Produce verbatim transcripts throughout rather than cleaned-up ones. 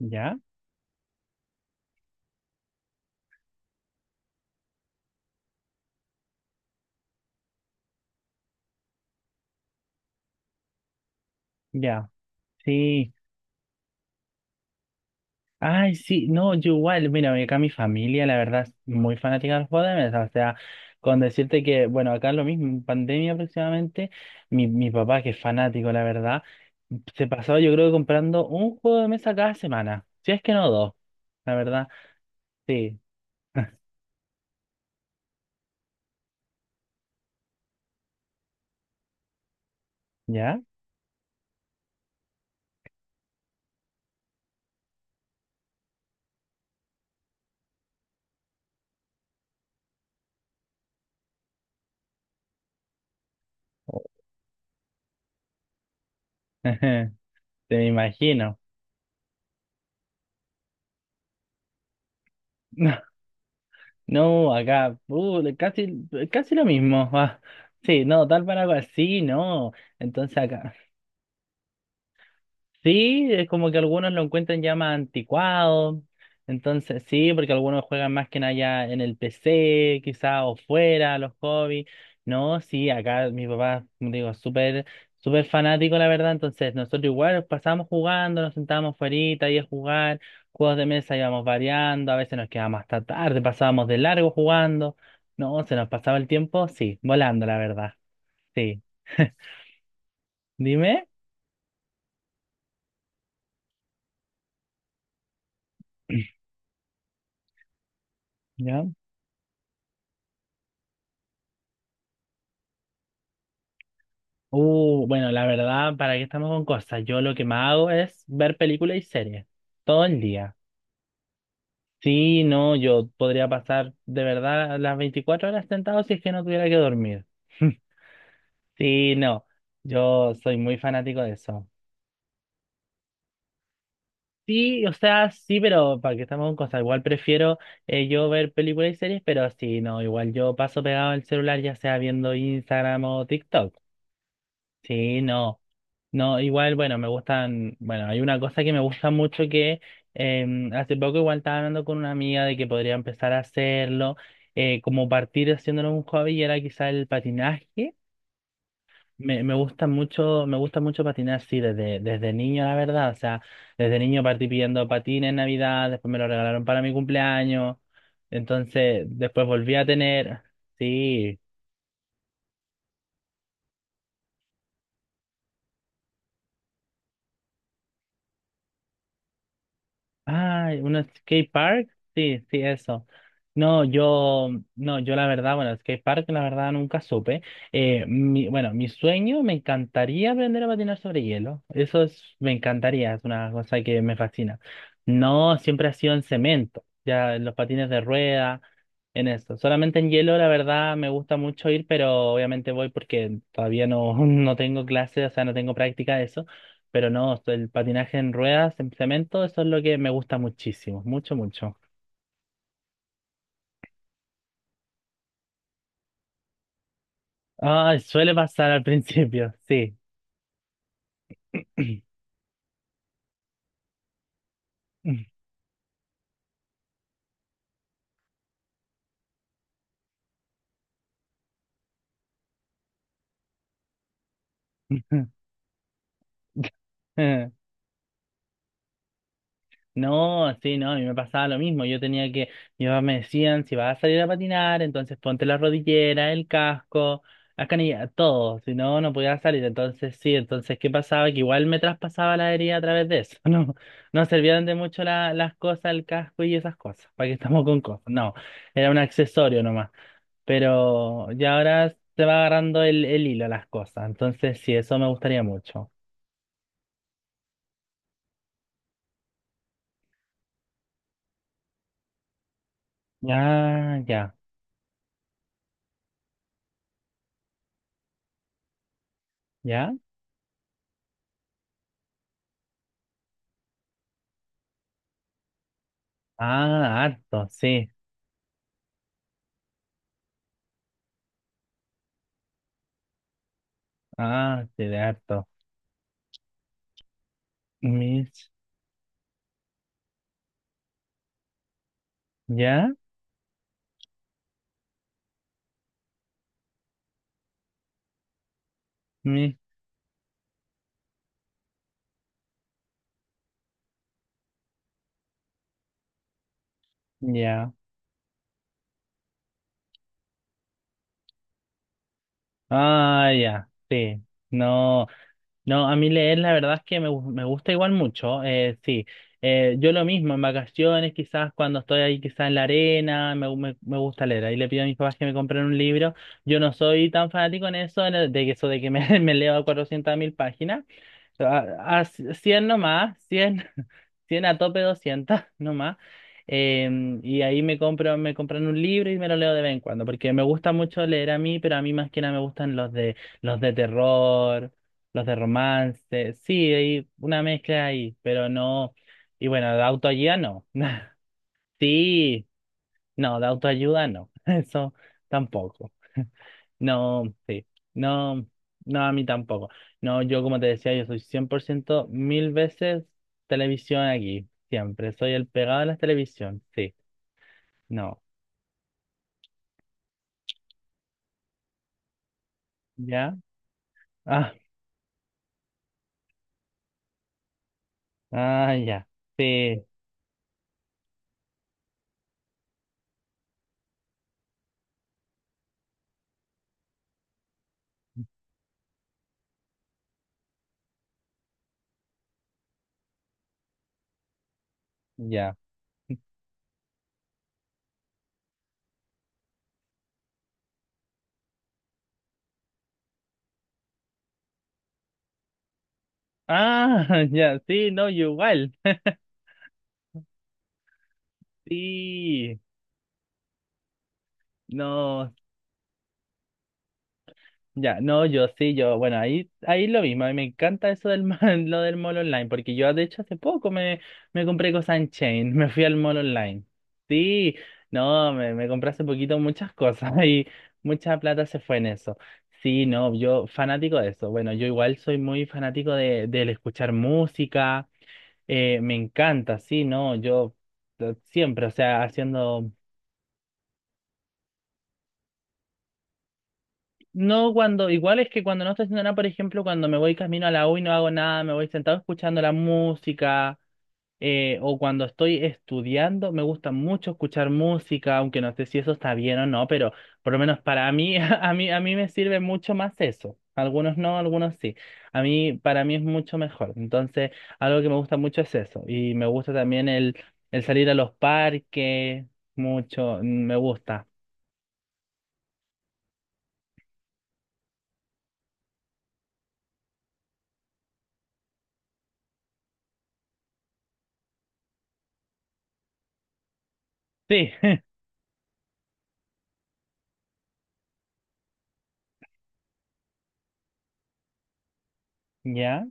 Ya, ya, sí. Ay, sí, no, yo igual, mira, acá mi familia, la verdad, es muy fanática de los de mesa. O sea, con decirte que, bueno, acá lo mismo, en pandemia aproximadamente, mi, mi papá, que es fanático, la verdad, se pasó, yo creo, comprando un juego de mesa cada semana. Si es que no dos, la verdad, sí. ¿Ya? Te me imagino. No, no, acá, uh, casi, casi lo mismo. Ah. Sí, no, tal para cual, sí, no. Entonces acá. Sí, es como que algunos lo encuentran ya más anticuado. Entonces, sí, porque algunos juegan más que nada ya en el P C, quizá, o fuera, los hobbies. No, sí, acá mi papá, como te digo, súper, súper fanático, la verdad. Entonces, nosotros igual pasábamos jugando, nos sentábamos fuerita ahí a jugar, juegos de mesa íbamos variando, a veces nos quedábamos hasta tarde, pasábamos de largo jugando. No, se nos pasaba el tiempo, sí, volando, la verdad. Sí. Dime. ¿Ya? Uh, bueno, la verdad, ¿para qué estamos con cosas? Yo lo que más hago es ver películas y series todo el día. Sí, no, yo podría pasar de verdad las veinticuatro horas sentado si es que no tuviera que dormir. Sí, no, yo soy muy fanático de eso. Sí, o sea, sí, pero ¿para que estamos con cosas? Igual prefiero eh, yo ver películas y series, pero sí, no, igual yo paso pegado al celular, ya sea viendo Instagram o TikTok. Sí, no. No, igual, bueno, me gustan, bueno, hay una cosa que me gusta mucho que em, hace poco igual estaba hablando con una amiga de que podría empezar a hacerlo, eh, como partir haciéndolo un hobby y era quizá el patinaje. Me, me gusta mucho, me gusta mucho patinar, sí, desde, desde niño, la verdad. O sea, desde niño partí pidiendo patines en Navidad, después me lo regalaron para mi cumpleaños. Entonces, después volví a tener, sí. Ah, un skate park, sí, sí, eso. No, yo, no, yo la verdad, bueno, skate park la verdad nunca supe. Eh, mi- bueno, mi sueño, me encantaría aprender a patinar sobre hielo. Eso es, me encantaría, es una cosa que me fascina. No, siempre ha sido en cemento, ya en los patines de rueda, en eso. Solamente en hielo, la verdad, me gusta mucho ir, pero obviamente voy porque todavía no, no tengo clases, o sea, no tengo práctica de eso. Pero no, el patinaje en ruedas, en cemento, eso es lo que me gusta muchísimo, mucho, mucho. Ah, suele pasar al principio, sí. No, sí, no, a mí me pasaba lo mismo. Yo tenía que, mi papá me decían, si vas a salir a patinar, entonces ponte la rodillera, el casco, la canilla todo. Si no, no podía salir. Entonces, sí, entonces, ¿qué pasaba? Que igual me traspasaba la herida a través de eso. No, no servían de mucho la- las cosas, el casco y esas cosas. ¿Para qué estamos con cosas? No, era un accesorio nomás. Pero ya ahora se va agarrando el, el hilo a las cosas. Entonces, sí, eso me gustaría mucho. Ya, ya, ya. Ah, harto, sí. Ah, cierto. Mis, ya, mis, ya. Ah, ya, sí. No, no, a mí leer la verdad es que me, gu- me gusta igual mucho. Eh, sí. Eh, yo lo mismo, en vacaciones, quizás cuando estoy ahí, quizás en la arena, me, gu- me, me gusta leer. Ahí le pido a mis papás que me compren un libro. Yo no soy tan fanático en eso, en el- de que eso de que me, me leo cuatrocientas mil páginas. A, a cien nomás, cien. Cien a tope doscientas. Nomás. Em, y ahí me compro, me compran un libro y me lo leo de vez en cuando, porque me gusta mucho leer a mí, pero a mí más que nada me gustan los de, los de, terror, los de romance, sí, hay una mezcla ahí, pero no, y bueno, de autoayuda no, sí, no, de autoayuda no, eso tampoco. No, sí. No, no, a mí tampoco. No, yo como te decía, yo soy cien por ciento mil veces televisión aquí. Siempre. Soy el pegado de la televisión. Sí. No. ¿Ya? Ah, ah, ya. Sí, ya. Ah, ya. Sí, no, yo igual. Sí. No. Ya, no, yo sí, yo, bueno, ahí, ahí lo mismo, a mí me encanta eso del ma- lo del mall online, porque yo de hecho hace poco me, me compré cosas en Chain. Me fui al mall online. Sí, no, me, me compré hace poquito muchas cosas y mucha plata se fue en eso. Sí, no, yo fanático de eso. Bueno, yo igual soy muy fanático de, del escuchar música, eh, me encanta, sí, no, yo eh, siempre, o sea, haciendo. No, cuando, igual es que cuando no estoy haciendo nada, por ejemplo, cuando me voy camino a la U y no hago nada, me voy sentado escuchando la música, eh, o cuando estoy estudiando, me gusta mucho escuchar música, aunque no sé si eso está bien o no, pero por lo menos para mí, a mí, a mí me sirve mucho más eso. Algunos no, algunos sí. A mí, para mí es mucho mejor. Entonces, algo que me gusta mucho es eso. Y me gusta también el, el salir a los parques, mucho, me gusta. Sí. Ya.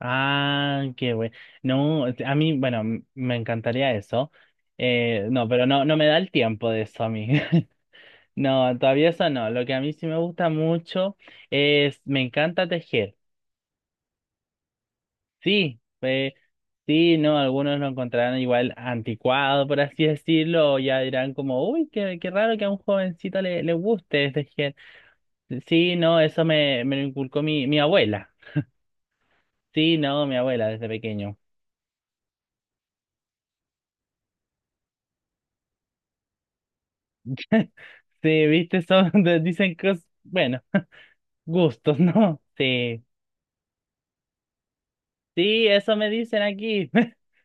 Ah, qué bueno. No, a mí, bueno, m- me encantaría eso. Eh, no, pero no, no me da el tiempo de eso a mí. No, todavía eso no. Lo que a mí sí me gusta mucho es, me encanta tejer. Sí, eh, sí, no, algunos lo encontrarán igual anticuado, por así decirlo, o ya dirán como, uy, qué, qué raro que a un jovencito le, le guste tejer. Sí, no, eso me, me lo inculcó mi, mi abuela. Sí, no, mi abuela desde pequeño. Sí, viste, son, dicen cosas, bueno, gustos, ¿no? Sí, sí, eso me dicen aquí,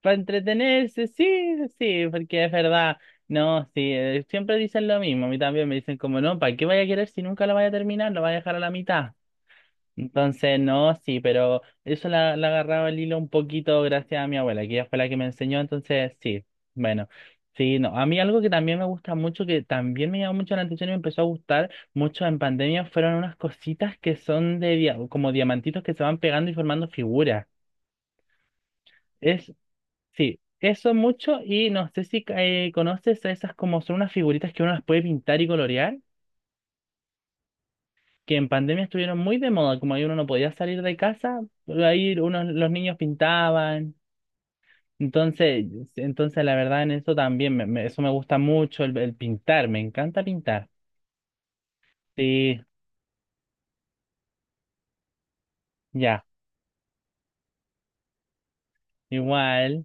para entretenerse, sí, sí, porque es verdad, no, sí, eh, siempre dicen lo mismo, a mí también me dicen como, no, ¿para qué vaya a querer si nunca lo vaya a terminar, lo vaya a dejar a la mitad? Entonces, no, sí, pero eso la, la agarraba el hilo un poquito gracias a mi abuela, que ella fue la que me enseñó, entonces sí, bueno, sí, no. A mí algo que también me gusta mucho, que también me llamó mucho la atención y me empezó a gustar mucho en pandemia, fueron unas cositas que son de dia- como diamantitos que se van pegando y formando figuras. Es, sí, eso mucho y no sé si eh, conoces esas como son unas figuritas que uno las puede pintar y colorear. Que en pandemia estuvieron muy de moda, como ahí uno no podía salir de casa, ahí unos, los niños pintaban. Entonces, entonces la verdad en eso también, me- me- eso me gusta mucho, el, el pintar, me encanta pintar. Sí, ya, igual.